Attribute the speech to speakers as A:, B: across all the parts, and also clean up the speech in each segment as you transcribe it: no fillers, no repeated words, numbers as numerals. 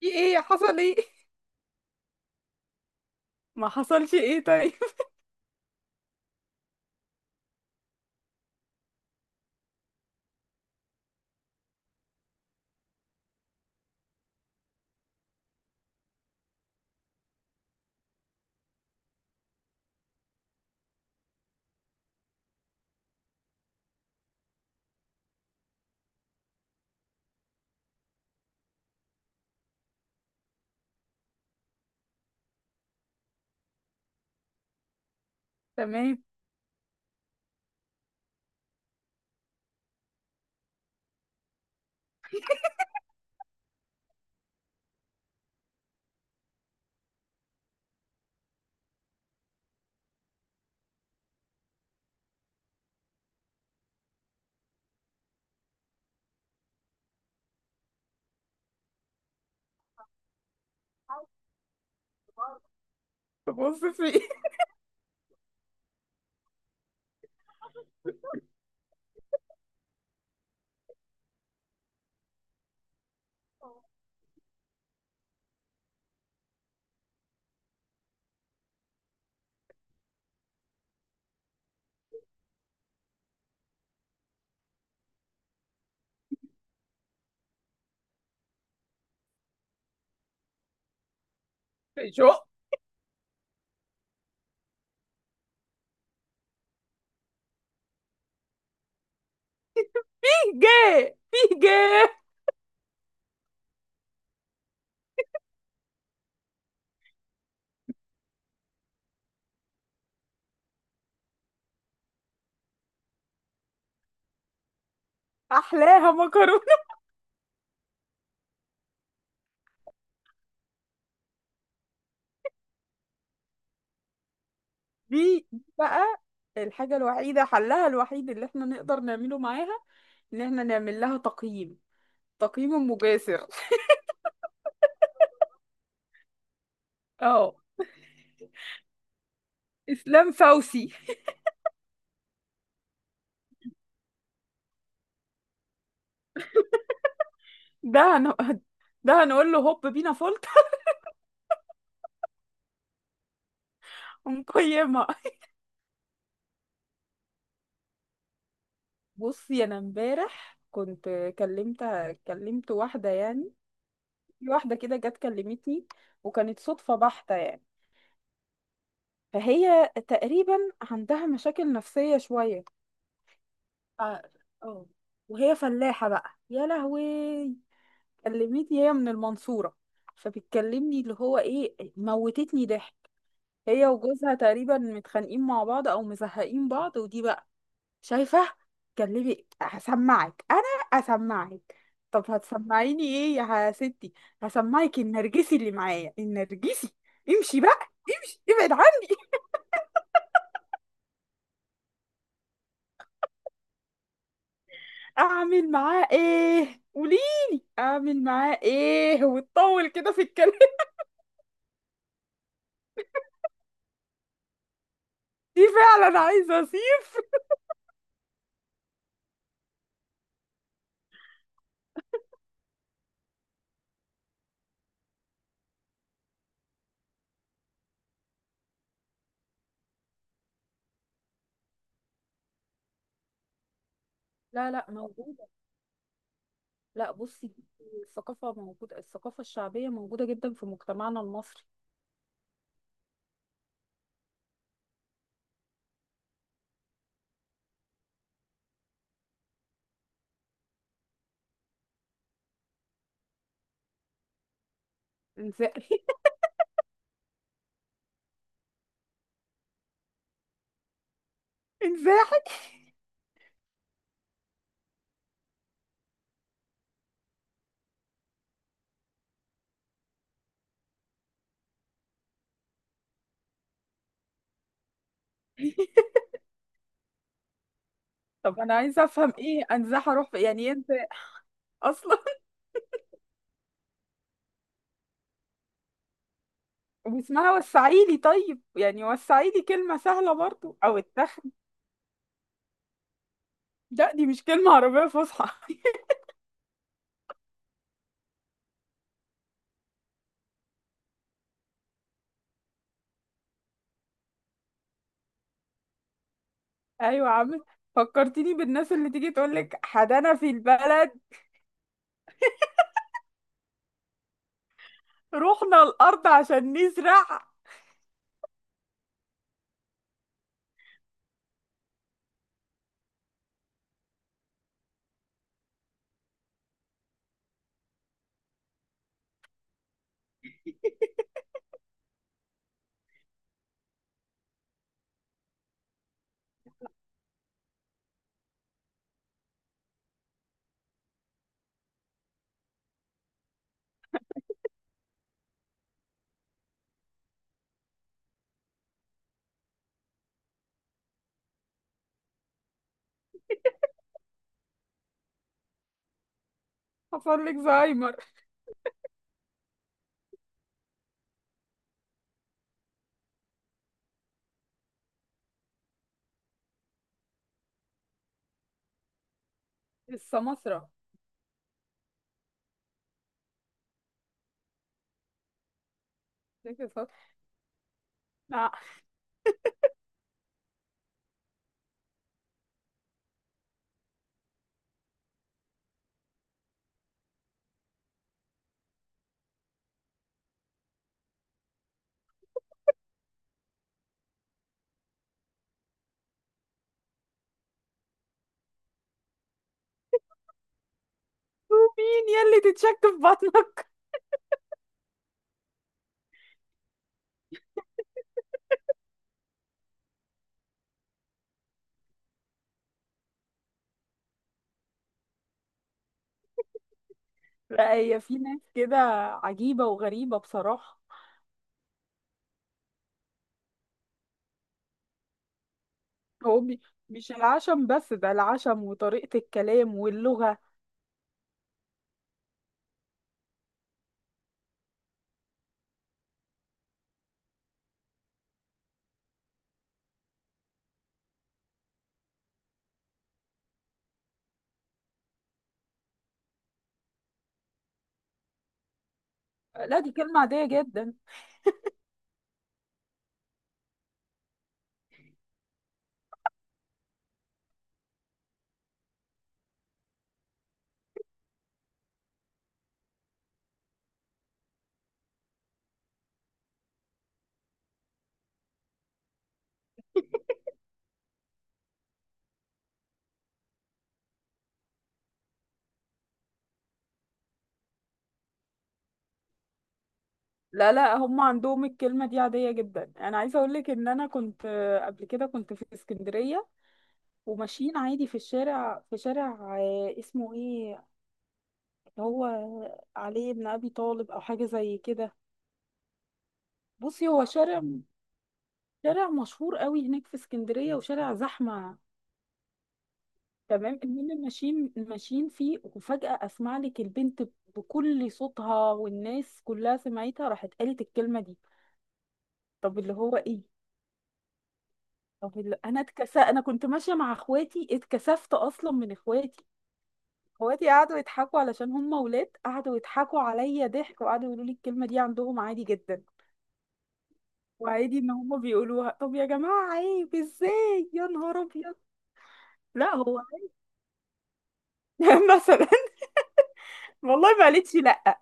A: في ايه؟ حصل ايه؟ ما حصلش ايه؟ طيب. تمام. تبص في ايه؟ في شو؟ في جاه، في جاه. احلاها مكرونه. دي بقى الحاجه الوحيده، حلها الوحيد اللي احنا نقدر نعمله معاها ان احنا نعمل لها تقييم، تقييم مجاسر. اه. اسلام فوسي. ده هن... ده هنقول له هوب بينا فولت. ونقيمها. بصي، انا امبارح كنت كلمت كلمت واحده يعني. في واحدة كده جت كلمتني، وكانت صدفة بحتة يعني. فهي تقريبا عندها مشاكل نفسية شوية. ف- اه. وهي فلاحة بقى، يا لهوي. كلمتني هي من المنصورة، فبتكلمني اللي هو ايه، موتتني ضحك. هي وجوزها تقريبا متخانقين مع بعض او مزهقين بعض، ودي بقى شايفة. كلمي، هسمعك انا. اسمعك. طب هتسمعيني ايه يا ستي؟ هسمعك النرجسي اللي معايا، النرجسي. امشي بقى، امشي ابعد عني. اعمل معاه ايه؟ قوليلي اعمل معاه ايه؟ وتطول كده في الكلام. دي فعلا عايزة اسيب. لا لا، موجودة. لا بصي، دي الثقافة موجودة، الثقافة الشعبية موجودة جدا في مجتمعنا المصري. انزاحي. انزاحي. طب انا عايزة افهم ايه انزاح؟ اروح يعني إيه انت اصلا؟ واسمها وسعيلي. طيب يعني وسعيلي كلمة سهلة برضو أو التخ لا دي مش كلمة عربية فصحى. أيوة، عم فكرتيني بالناس اللي تيجي تقولك حدانا في البلد، رحنا الأرض عشان نزرع. حصل لك زهايمر. السماسرة. فاكر السماسرة؟ لا. مين يلي تتشك في بطنك؟ لا، هي في ناس كده عجيبة وغريبة بصراحة. هو بي- مش العشم بس، ده العشم وطريقة الكلام واللغة. لا دي كلمة عادية جدا. لا لا، هم عندهم الكلمة دي عادية جدا. انا عايزة اقول لك ان انا كنت قبل كده كنت في اسكندرية، وماشيين عادي في الشارع، في شارع اسمه ايه، اللي هو علي بن ابي طالب او حاجة زي كده. بصي هو شارع، شارع مشهور قوي هناك في اسكندرية، وشارع زحمة. تمام، المهم ماشيين ماشيين فيه، وفجأة اسمع لك البنت بكل صوتها، والناس كلها سمعتها، راحت قالت الكلمة دي. طب اللي هو ايه؟ طب انا كنت ماشيه مع اخواتي، اتكسفت اصلا من اخواتي. اخواتي قعدوا يضحكوا علشان هم ولاد، قعدوا يضحكوا عليا ضحك، وقعدوا يقولوا لي الكلمه دي عندهم عادي جدا، وعادي ان هم بيقولوها. طب يا جماعه، عيب ازاي يا نهار ابيض؟ لا هو عيب. مثلا. والله ما قالتش لا.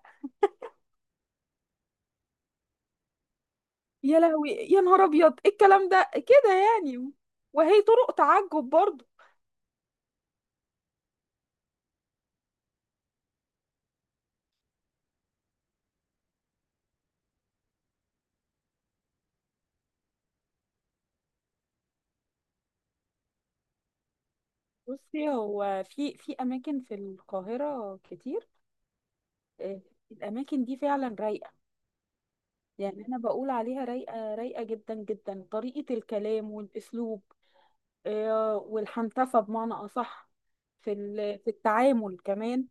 A: يا لهوي، يا نهار ابيض، إيه الكلام ده كده يعني؟ وهي طرق تعجب برضه. بصي هو في اماكن في القاهره كتير. آه، الاماكن دي فعلا رايقه. يعني انا بقول عليها رايقه، رايقه جدا جدا، طريقه الكلام والاسلوب، والحنتفه بمعنى اصح في في التعامل كمان.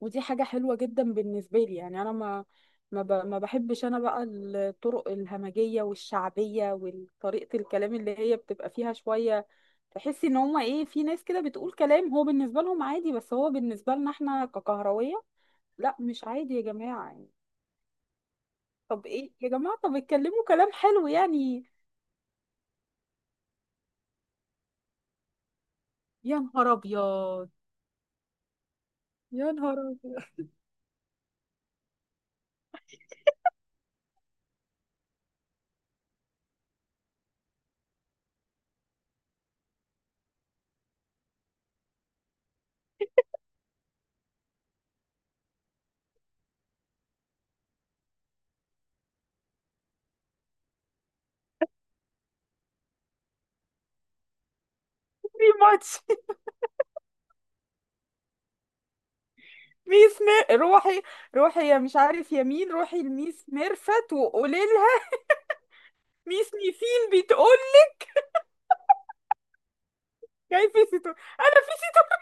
A: ودي حاجه حلوه جدا بالنسبه لي. يعني انا ما بحبش انا بقى الطرق الهمجيه والشعبيه وطريقه الكلام اللي هي بتبقى فيها شويه. تحسي ان هما ايه؟ في ناس كده بتقول كلام هو بالنسبه لهم عادي، بس هو بالنسبه لنا احنا ككهرويه لا مش عادي يا جماعه، يعني. طب ايه يا جماعه؟ طب اتكلموا كلام حلو يعني. يا نهار ابيض، يا نهار ابيض، في ماتش. روحي، روحي، يا مش عارف يمين، روحي لميس ميرفت وقولي لها ميس ميسين، بتقول كيف ستو، انا في ستو.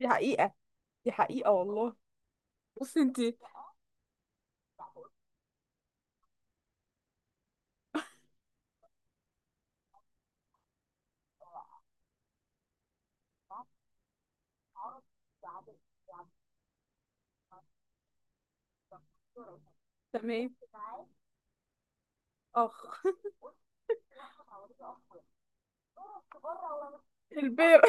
A: دي حقيقة. دي حقيقة والله. بصي انت. تمام. اخ. البير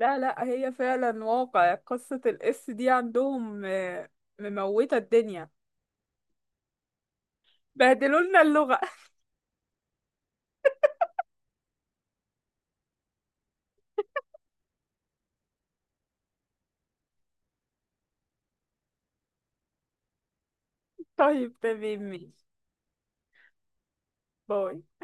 A: لا لا، هي فعلا واقع قصة الاس دي عندهم. مموتة الدنيا. بهدلولنا اللغة. طيب تمام، ماشي. باي.